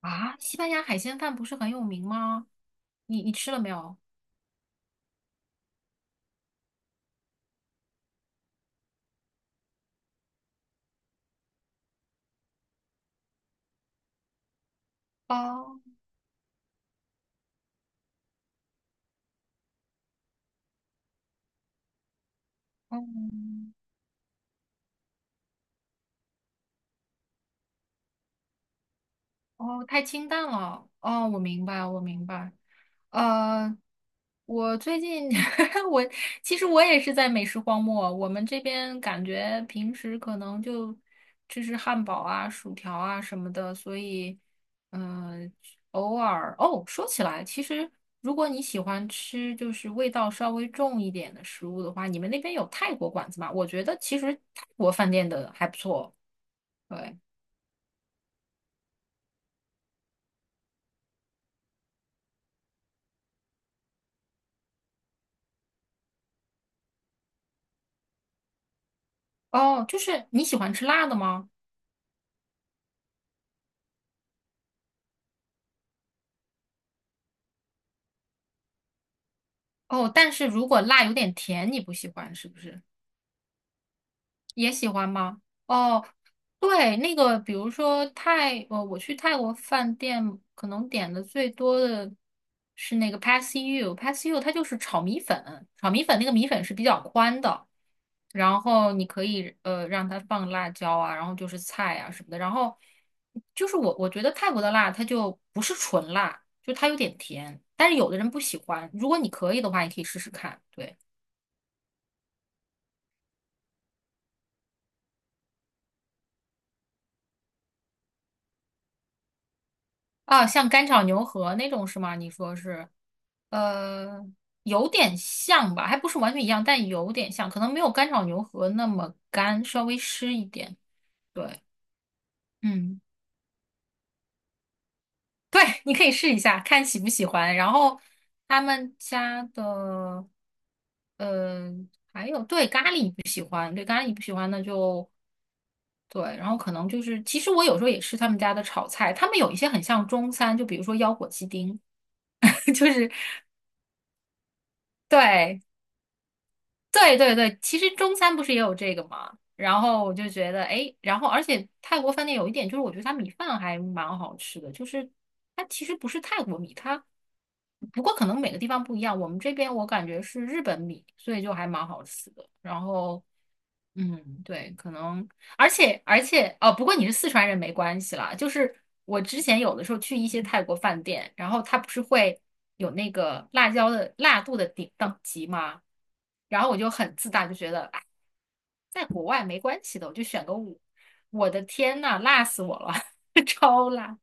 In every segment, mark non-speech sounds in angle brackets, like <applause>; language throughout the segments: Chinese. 啊，西班牙海鲜饭不是很有名吗？你吃了没有？哦，嗯。哦，太清淡了。哦，我明白，我明白。呃，我最近 <laughs> 我其实我也是在美食荒漠。我们这边感觉平时可能就吃吃汉堡啊、薯条啊什么的，所以嗯、呃偶尔哦，说起来，其实如果你喜欢吃就是味道稍微重一点的食物的话，你们那边有泰国馆子吗？我觉得其实泰国饭店的还不错。对，哦，就是你喜欢吃辣的吗？哦，但是如果辣有点甜，你不喜欢是不是？也喜欢吗？哦，对，那个比如说我去泰国饭店可能点的最多的是那个 p a s s y o u p a s s y o u 它就是炒米粉，炒米粉那个米粉是比较宽的，然后你可以让它放辣椒啊，然后就是菜啊什么的，然后就是我觉得泰国的辣它就不是纯辣，就它有点甜，但是有的人不喜欢，如果你可以的话，你可以试试看，对。啊，像干炒牛河那种是吗？你说是，呃，有点像吧，还不是完全一样，但有点像，可能没有干炒牛河那么干，稍微湿一点。对，嗯，对，你可以试一下，看喜不喜欢。然后他们家的，呃，还有对咖喱不喜欢，对咖喱不喜欢那就对，然后可能就是，其实我有时候也吃他们家的炒菜，他们有一些很像中餐，就比如说腰果鸡丁，<laughs> 就是对。对对对，其实中餐不是也有这个嘛，然后我就觉得，哎，然后而且泰国饭店有一点就是，我觉得它米饭还蛮好吃的，就是它其实不是泰国米，它不过可能每个地方不一样，我们这边我感觉是日本米，所以就还蛮好吃的。然后嗯，对，可能，而且，哦，不过你是四川人没关系啦。就是我之前有的时候去一些泰国饭店，然后它不是会有那个辣椒的辣度的顶等级吗？然后我就很自大，就觉得哎，在国外没关系的，我就选个五。我的天呐，辣死我了，<laughs> 超辣！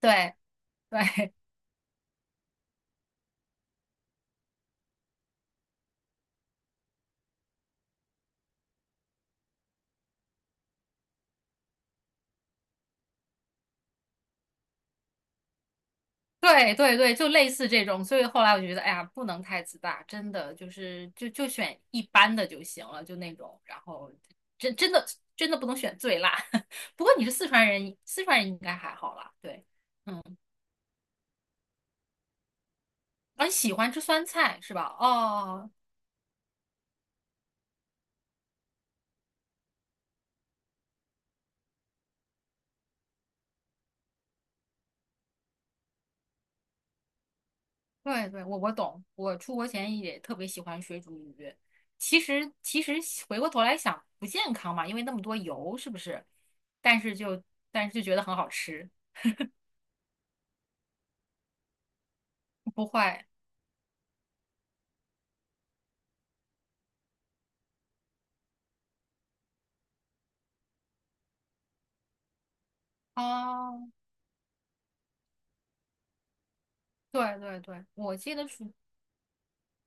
对对，对对对，就类似这种，所以后来我就觉得，哎呀，不能太自大，真的就是就选一般的就行了，就那种，然后真真的真的不能选最辣。<laughs> 不过你是四川人，四川人应该还好啦，对，嗯，啊，你喜欢吃酸菜是吧？哦，对对，我懂，我出国前也特别喜欢水煮鱼，其实回过头来想不健康嘛，因为那么多油，是不是？但是就但是就觉得很好吃，不会。哦，对对对，我记得是，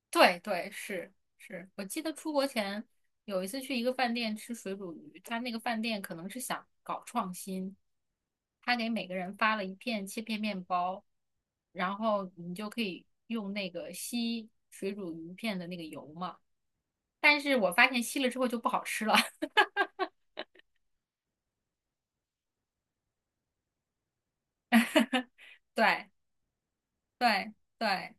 对对是是，我记得出国前有一次去一个饭店吃水煮鱼，他那个饭店可能是想搞创新，他给每个人发了一片切片面包，然后你就可以用那个吸水煮鱼片的那个油嘛，但是我发现吸了之后就不好吃了，<laughs> 对对对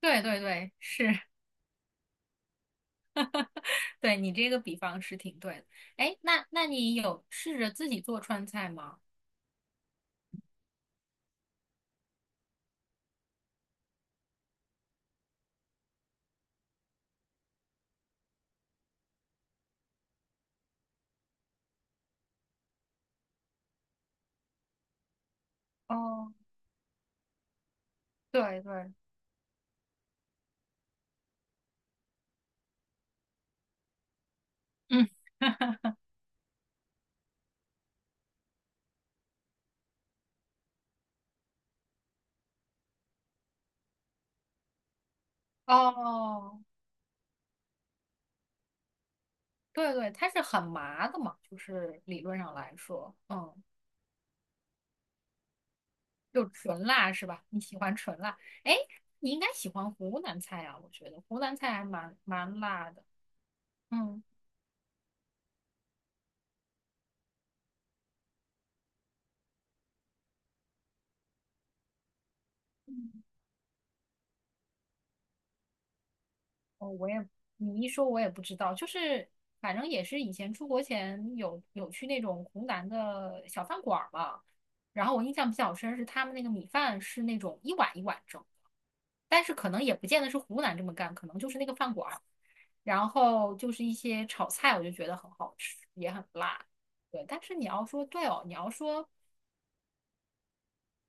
对对对，是，<laughs> 对你这个比方是挺对的，哎，那你有试着自己做川菜吗？哦，对对，嗯，<laughs> 哦，对对，它是很麻的嘛，就是理论上来说，嗯，就纯辣是吧？你喜欢纯辣，哎，你应该喜欢湖南菜啊，我觉得湖南菜还蛮辣的，嗯，嗯哦，我也，你一说我也不知道，就是反正也是以前出国前有去那种湖南的小饭馆儿嘛，然后我印象比较深是他们那个米饭是那种一碗一碗蒸。但是可能也不见得是湖南这么干，可能就是那个饭馆儿，然后就是一些炒菜，我就觉得很好吃，也很辣。对，但是你要说对哦，你要说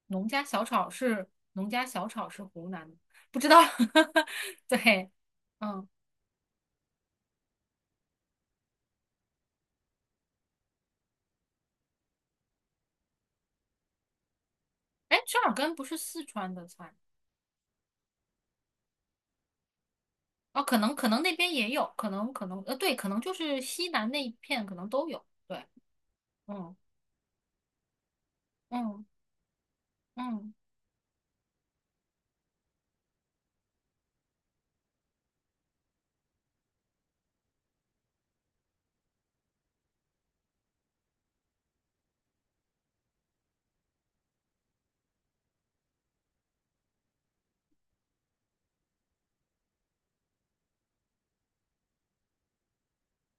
农家小炒是湖南的，不知道。<laughs> 对，嗯，哎，折耳根不是四川的菜哦，可能可能那边也有，可能，对，可能就是西南那一片可能都有。对，嗯嗯嗯。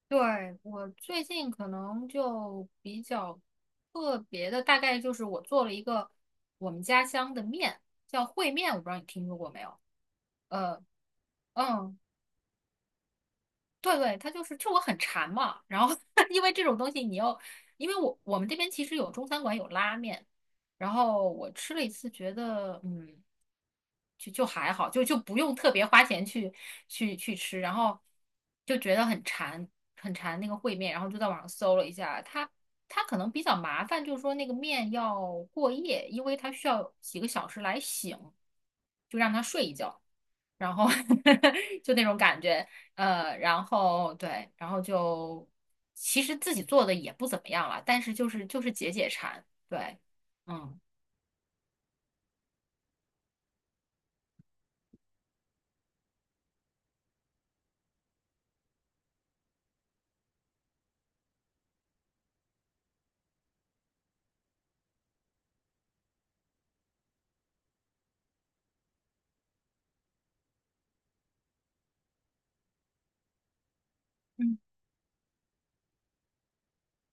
对，我最近可能就比较特别的，大概就是我做了一个我们家乡的面，叫烩面，我不知道你听说过没有？呃，嗯，对对，他就是我很馋嘛，然后 <laughs> 因为这种东西你要，因为我们这边其实有中餐馆有拉面，然后我吃了一次，觉得嗯，就还好，就不用特别花钱去吃，然后就觉得很馋很馋那个烩面，然后就在网上搜了一下，它可能比较麻烦，就是说那个面要过夜，因为它需要几个小时来醒，就让它睡一觉。然后 <laughs> 就那种感觉。然后对，然后就其实自己做的也不怎么样了，但是就是解解馋，对，嗯。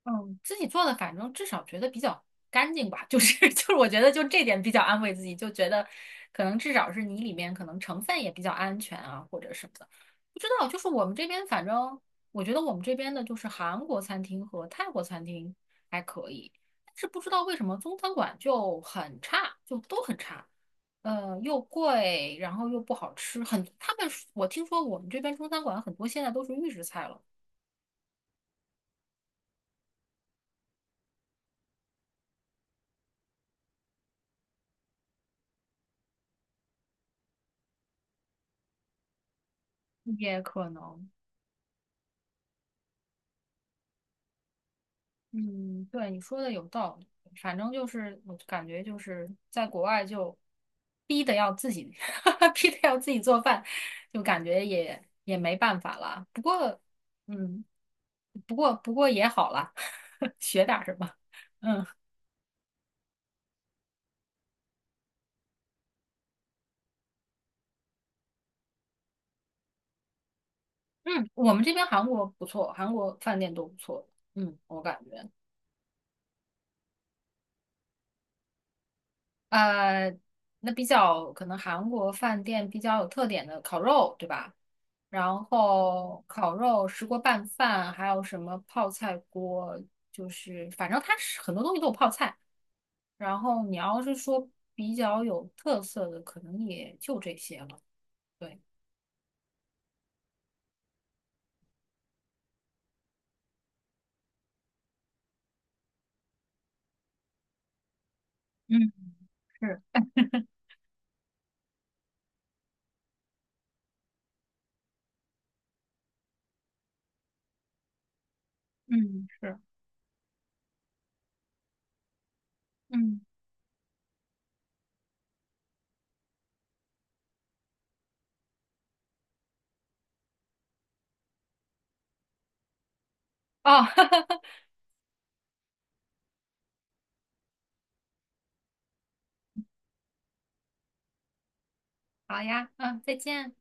嗯，自己做的，反正至少觉得比较干净吧，就是 <laughs> 就是，我觉得就这点比较安慰自己，就觉得可能至少是你里面可能成分也比较安全啊，或者什么的。不知道，就是我们这边，反正我觉得我们这边的就是韩国餐厅和泰国餐厅还可以，但是不知道为什么中餐馆就很差，就都很差，呃，又贵，然后又不好吃，很，他们我听说我们这边中餐馆很多现在都是预制菜了，也可能。嗯，对，你说的有道理。反正就是，我感觉就是在国外就逼的要自己，<laughs> 逼的要自己做饭，就感觉也没办法了。不过，嗯，不过也好啦，<laughs> 学点儿什么。嗯嗯，我们这边韩国不错，韩国饭店都不错。嗯，我感觉。呃，那比较可能韩国饭店比较有特点的烤肉，对吧？然后烤肉、石锅拌饭，还有什么泡菜锅，就是反正它是很多东西都有泡菜。然后你要是说比较有特色的，可能也就这些了。对，嗯是，嗯是，嗯，哦，<laughs> 好呀，嗯，再见。